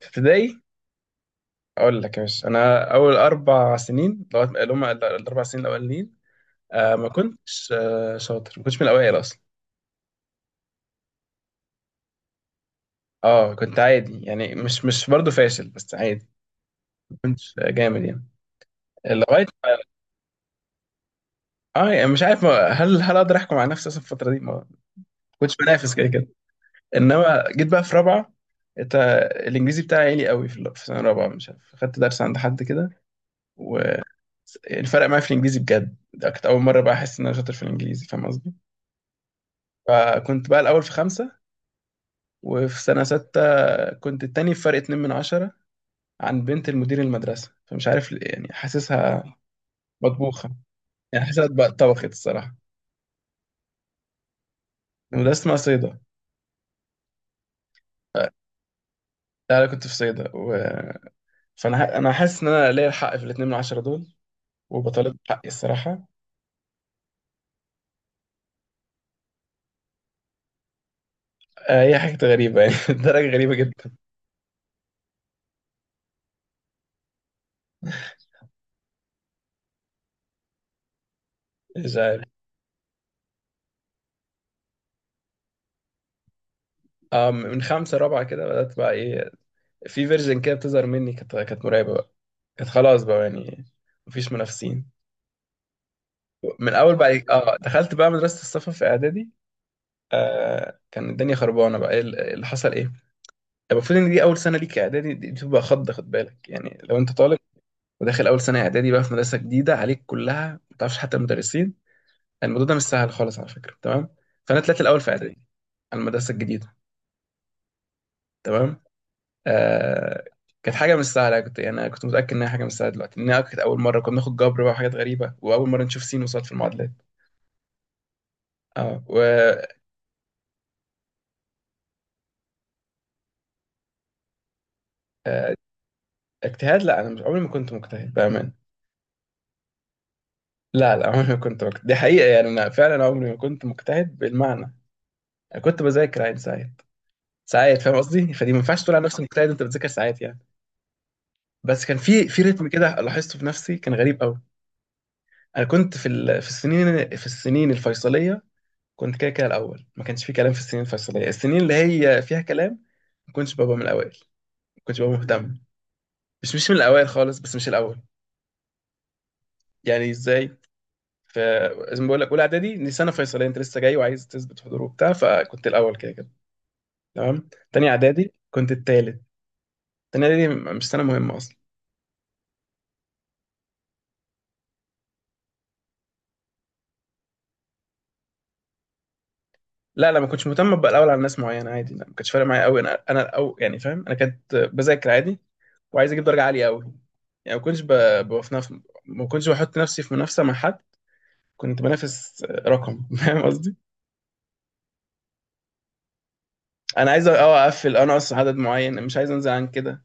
في ابتدائي. اقول لك يا باشا، انا اول 4 سنين، لغايه اللي هم الاربع سنين الاولانيين ما كنتش شاطر. ما كنتش من الاوائل اصلا. اه، كنت عادي، يعني مش برضه فاشل، بس عادي. ما كنتش جامد يعني. لغايه... اه يعني مش عارف هل اقدر احكم على نفسي اصلا في الفتره دي؟ ما كنتش بنافس كده كده. انما جيت بقى في رابعه. انت... الانجليزي بتاعي عالي قوي في سنه رابعه، مش عارف، خدت درس عند حد كده. والفرق معايا في الانجليزي بجد، ده كانت اول مره بقى احس ان انا شاطر في الانجليزي، فاهم قصدي. فكنت بقى الأول في خمسة، وفي سنة ستة كنت التاني بفرق 2 من 10 عن بنت المدير المدرسة، فمش عارف ليه، يعني حاسسها مطبوخة. يعني حاسسها بقى اتطبخت الصراحة. المدرسة اسمها صيدا. لا، أنا كنت في صيدا و... أنا حاسس إن أنا ليا الحق في الاتنين من عشرة دول، وبطالب بحقي الصراحة. هي حاجة غريبة يعني. الدرجة غريبة جدا. مش عارف. من خمسة رابعة كده بدأت بقى إيه، في فيرجن كده بتظهر مني، كانت مرعبة بقى. كانت خلاص بقى يعني، مفيش منافسين. من اول بقى دخلت بقى مدرسه السفر في اعدادي. كان الدنيا خربانه، بقى ايه اللي حصل؟ ايه المفروض؟ ان دي اول سنه ليك اعدادي، دي بتبقى خد بالك، يعني لو انت طالب وداخل اول سنه اعدادي بقى في مدرسه جديده عليك كلها، ما تعرفش حتى المدرسين. الموضوع ده مش سهل خالص على فكره، تمام؟ فانا طلعت الاول في اعدادي على المدرسه الجديده، تمام. آه كانت حاجه مش سهله، كنت يعني أنا كنت متاكد انها حاجه مش سهله دلوقتي، انها كانت اول مره كنا بناخد جبر بقى وحاجات غريبه، واول مره نشوف سين وصاد في المعادلات. اه و آه، اجتهاد؟ لا، انا مش... عمري ما كنت مجتهد بامان. لا لا، عمري ما كنت مجتهد، دي حقيقه. يعني انا فعلا عمري ما كنت مجتهد بالمعنى. انا كنت بذاكر عادي ساعات ساعات، فاهم قصدي؟ فدي ما ينفعش تقول على نفسك مجتهد انت بتذاكر ساعات يعني. بس كان في رتم كده لاحظته في نفسي، كان غريب قوي. انا كنت في السنين الفيصليه، كنت كده كده الاول، ما كانش في كلام. في السنين الفيصليه، السنين اللي هي فيها كلام، ما كنتش ببقى من الاوائل، ما كنتش ببقى مهتم، مش من الاوائل خالص، بس مش الاول يعني، ازاي؟ فزي ما بقول لك، اولى اعدادي دي سنه فيصليه، انت لسه جاي وعايز تثبت حضور وبتاع، فكنت الاول كده كده، تمام. تاني اعدادي كنت التالت. تاني اعدادي مش سنه مهمه اصلا. لا لا، ما كنتش مهتم ابقى الاول على ناس معينه، عادي. لا، ما كانش فارق معايا قوي، انا يعني فاهم، انا كنت بذاكر عادي وعايز اجيب درجه عاليه قوي. يعني ما كنتش بف- ما كنتش بحط نفسي في منافسه مع حد، كنت بنافس رقم. فاهم قصدي؟ انا عايز اقفل، انا اصلا عدد معين مش عايز انزل عن كده.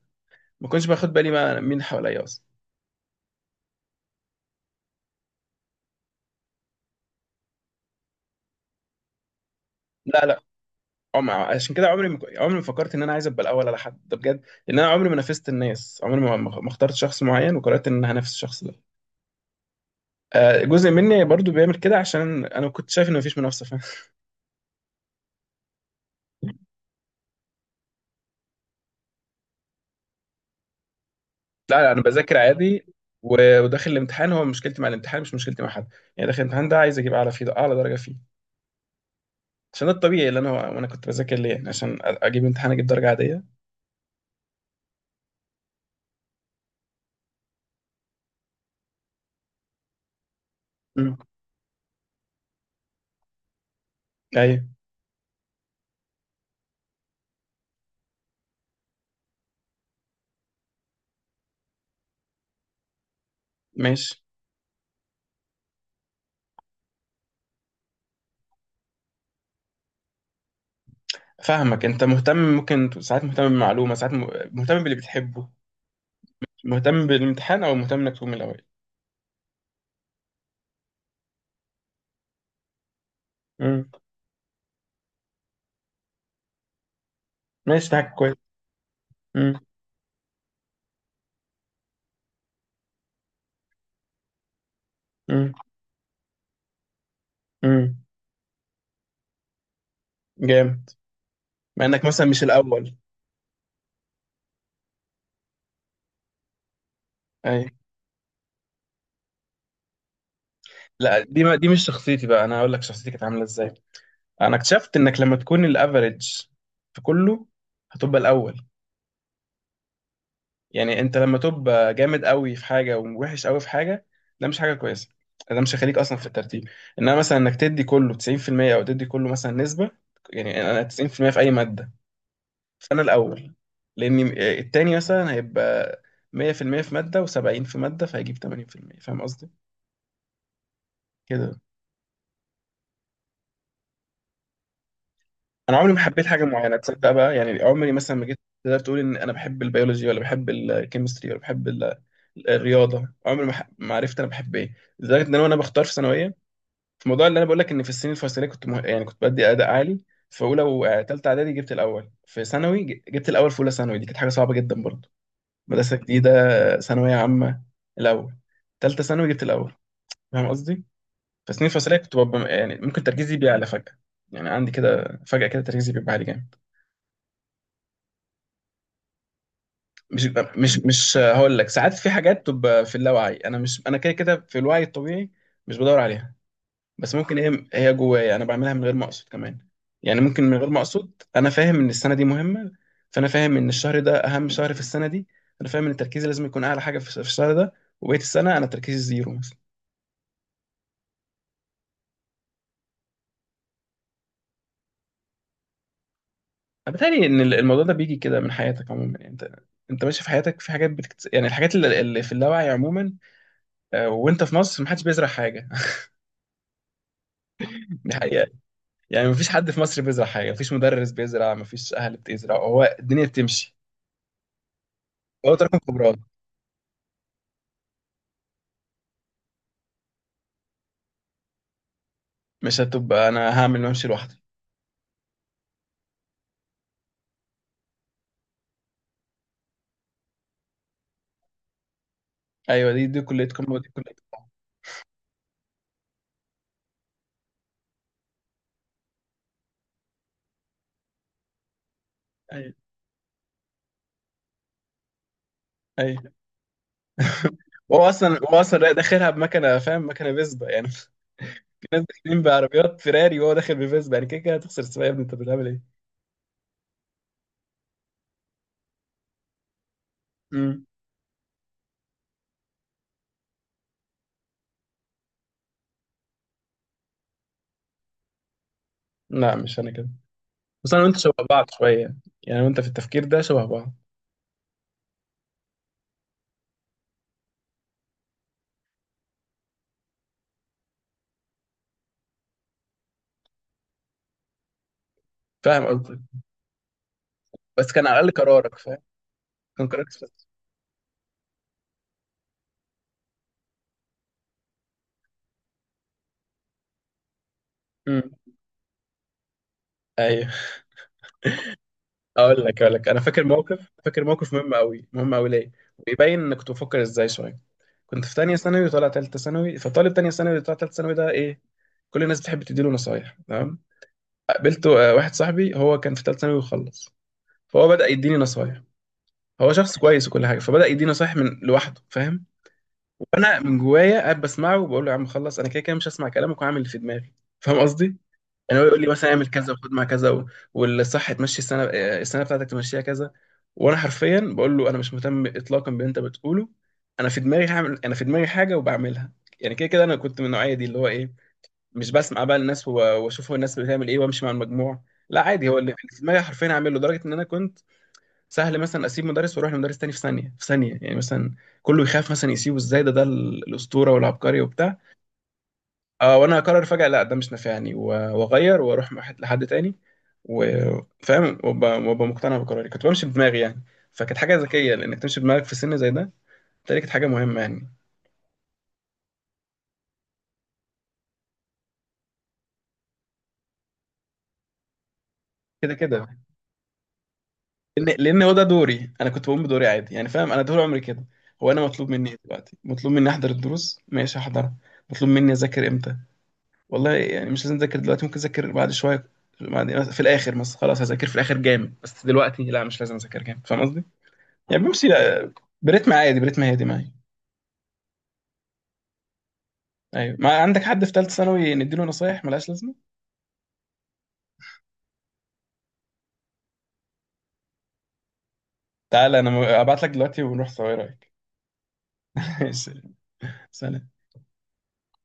ما كنتش باخد بالي بقى مين حواليا اصلا. لا لا. اه عشان كده عمري ما ك- عمري ما فكرت ان انا عايز ابقى الاول على حد، ده بجد، لان انا عمري ما نافست الناس. عمري ما اخترت شخص معين وقررت ان انا هنافس الشخص ده. جزء مني برضو بيعمل كده، عشان انا كنت شايف ان مفيش منافسه، فاهم. لا لا، انا بذاكر عادي. وداخل الامتحان، هو مشكلتي مع الامتحان مش مشكلتي مع حد. يعني داخل الامتحان ده عايز اجيب اعلى فيه، اعلى درجه فيه. عشان ده الطبيعي اللي انا... وانا كنت بذاكر ليه يعني، عشان اجيب امتحان، اجيب درجه عاديه. مم. ايوه. ماشي. فاهمك، انت مهتم، ممكن ساعات مهتم بمعلومه، ساعات مهتم باللي بتحبه، مهتم بالامتحان، او مهتم انك تقوم الاول. امم. ماشي، ده حاجة كويس. امم. امم. امم. جامد، مع انك مثلا مش الاول. اي. لا، دي مش شخصيتي بقى. انا هقول لك شخصيتي كانت عامله ازاي. انا اكتشفت انك لما تكون الافريج في كله، هتبقى الاول. يعني انت لما تبقى جامد قوي في حاجه ووحش قوي في حاجه، ده مش حاجه كويسه، ده مش هيخليك اصلا في الترتيب. انما مثلا انك تدي كله 90%، او تدي كله مثلا نسبه، يعني انا 90% في المية في اي ماده سنة الأول، لأن التاني مثلا هيبقى 100% في المية في مادة و70 في مادة، فهيجيب 80%، فاهم قصدي؟ كده. أنا عمري ما حبيت حاجة معينة، تصدق بقى؟ يعني عمري مثلا ما جيت تقدر تقول إن أنا بحب البيولوجي ولا بحب الكيمستري ولا بحب الرياضة. عمري ما عرفت أنا بحب إيه، لدرجة إن أنا وأنا بختار في ثانوية، في موضوع اللي أنا بقول لك إن في السنين الفصلية، كنت يعني كنت بدي أداء عالي. في أولى وتالتة إعدادي جبت الأول. في ثانوي جبت الأول في أولى ثانوي، دي كانت حاجة صعبة جدا برضه. مدرسة جديدة، ثانوية عامة، الأول. تالتة ثانوي جبت الأول، فاهم قصدي؟ فسنين فصلية كنت ببقى يعني، ممكن تركيزي بيعلى فجأة، يعني عندي كده فجأة كده تركيزي بيبقى عالي جامد. مش مش هقول لك، ساعات في حاجات بتبقى في اللاوعي، أنا مش... أنا كده كده في الوعي الطبيعي، مش بدور عليها، بس ممكن هي جوايا أنا بعملها من غير ما أقصد كمان. يعني ممكن من غير ما أقصد أنا فاهم إن السنة دي مهمة، فأنا فاهم إن الشهر ده أهم شهر في السنة دي، أنا فاهم إن تركيزي لازم يكون أعلى حاجة في الشهر ده، وبقية السنة أنا تركيزي زيرو. بتهيألي ان الموضوع ده بيجي كده من حياتك عموما، يعني انت ماشي في حياتك، في حاجات يعني الحاجات اللي في اللاوعي عموما. وانت في مصر محدش بيزرع حاجه. دي حقيقه. يعني مفيش حد في مصر بيزرع حاجه، مفيش مدرس بيزرع، مفيش اهل بتزرع، هو الدنيا بتمشي، هو تراكم خبرات. مش هتبقى، انا هعمل وامشي لوحدي. ايوه، دي كليتكم ودي كليتكم. ايوه، ايوه. هو اصلا، داخلها بمكنه، فاهم، مكنه فيسبا يعني. في ناس داخلين بعربيات فيراري وهو داخل بفيسبا، يعني كده كده هتخسر السباق يا ابني، انت بتعمل ايه؟ لا، مش انا كده. بس انا وانت شبه بعض شويه، يعني وانت في التفكير ده شبه بعض. فاهم قصدك. بس كان على الاقل قرارك فاهم، كان قرارك صح. امم. ايوه. اقول لك انا فاكر موقف، فاكر موقف مهم قوي، مهم قوي ليه. ويبين انك كنت بفكر ازاي شويه. كنت في تانية ثانوي وطالع تالتة ثانوي، فطالب تانية ثانوي اللي طالع تالتة ثانوي ده ايه؟ كل الناس بتحب تديله نصايح، تمام؟ قابلت واحد صاحبي، هو كان في تالتة ثانوي وخلص، فهو بدأ يديني نصايح. هو شخص كويس وكل حاجه، فبدأ يديني نصايح من لوحده، فاهم. فانا من جوايا قاعد بسمعه وبقول له يا عم خلص، انا كده كده مش هسمع كلامك وهعمل اللي في دماغي، فاهم قصدي. يعني هو يقول لي مثلا اعمل كذا وخد مع كذا والصح تمشي السنه بتاعتك تمشيها كذا. وانا حرفيا بقول له انا مش مهتم اطلاقا باللي انت بتقوله. انا في دماغي حاجه وبعملها. يعني كده كده انا كنت من النوعيه دي اللي هو ايه، مش بسمع بقى الناس واشوف هو الناس بتعمل ايه وامشي مع المجموع. لا عادي، هو اللي في دماغي حرفيا هعمله، لدرجه ان انا كنت سهل مثلا اسيب مدرس واروح لمدرس تاني في ثانيه، في ثانيه يعني، مثلا كله يخاف مثلا يسيبه ازاي، ده الاسطوره والعبقري وبتاع. اه وانا اقرر فجاه لا، ده مش نافعني واغير واروح مع لحد تاني، وفاهم وأبقى مقتنع بقراري، كنت بمشي بدماغي يعني، فكانت حاجه ذكيه لانك تمشي بدماغك في سن زي ده. دي كانت حاجه مهمه يعني. كده كده. لان هو ده دوري، انا كنت بقوم بدوري عادي يعني، فاهم؟ انا طول عمري كده. هو انا مطلوب مني إيه دلوقتي؟ مطلوب مني احضر الدروس، ماشي، احضرها. مطلوب مني اذاكر امتى؟ والله يعني مش لازم اذاكر دلوقتي، ممكن اذاكر بعد شويه، بعد في الاخر مثلا، خلاص هذاكر في الاخر جامد، بس دلوقتي لا مش لازم اذاكر جامد، فاهم قصدي. يعني بمشي برتم عادي، برتم هادي معايا. ايوه، ما عندك حد في ثالثه ثانوي نديله نصايح ملهاش لازمه؟ تعالى انا ابعت لك دلوقتي ونروح سوا، ايه رايك؟ ماشي. سلام.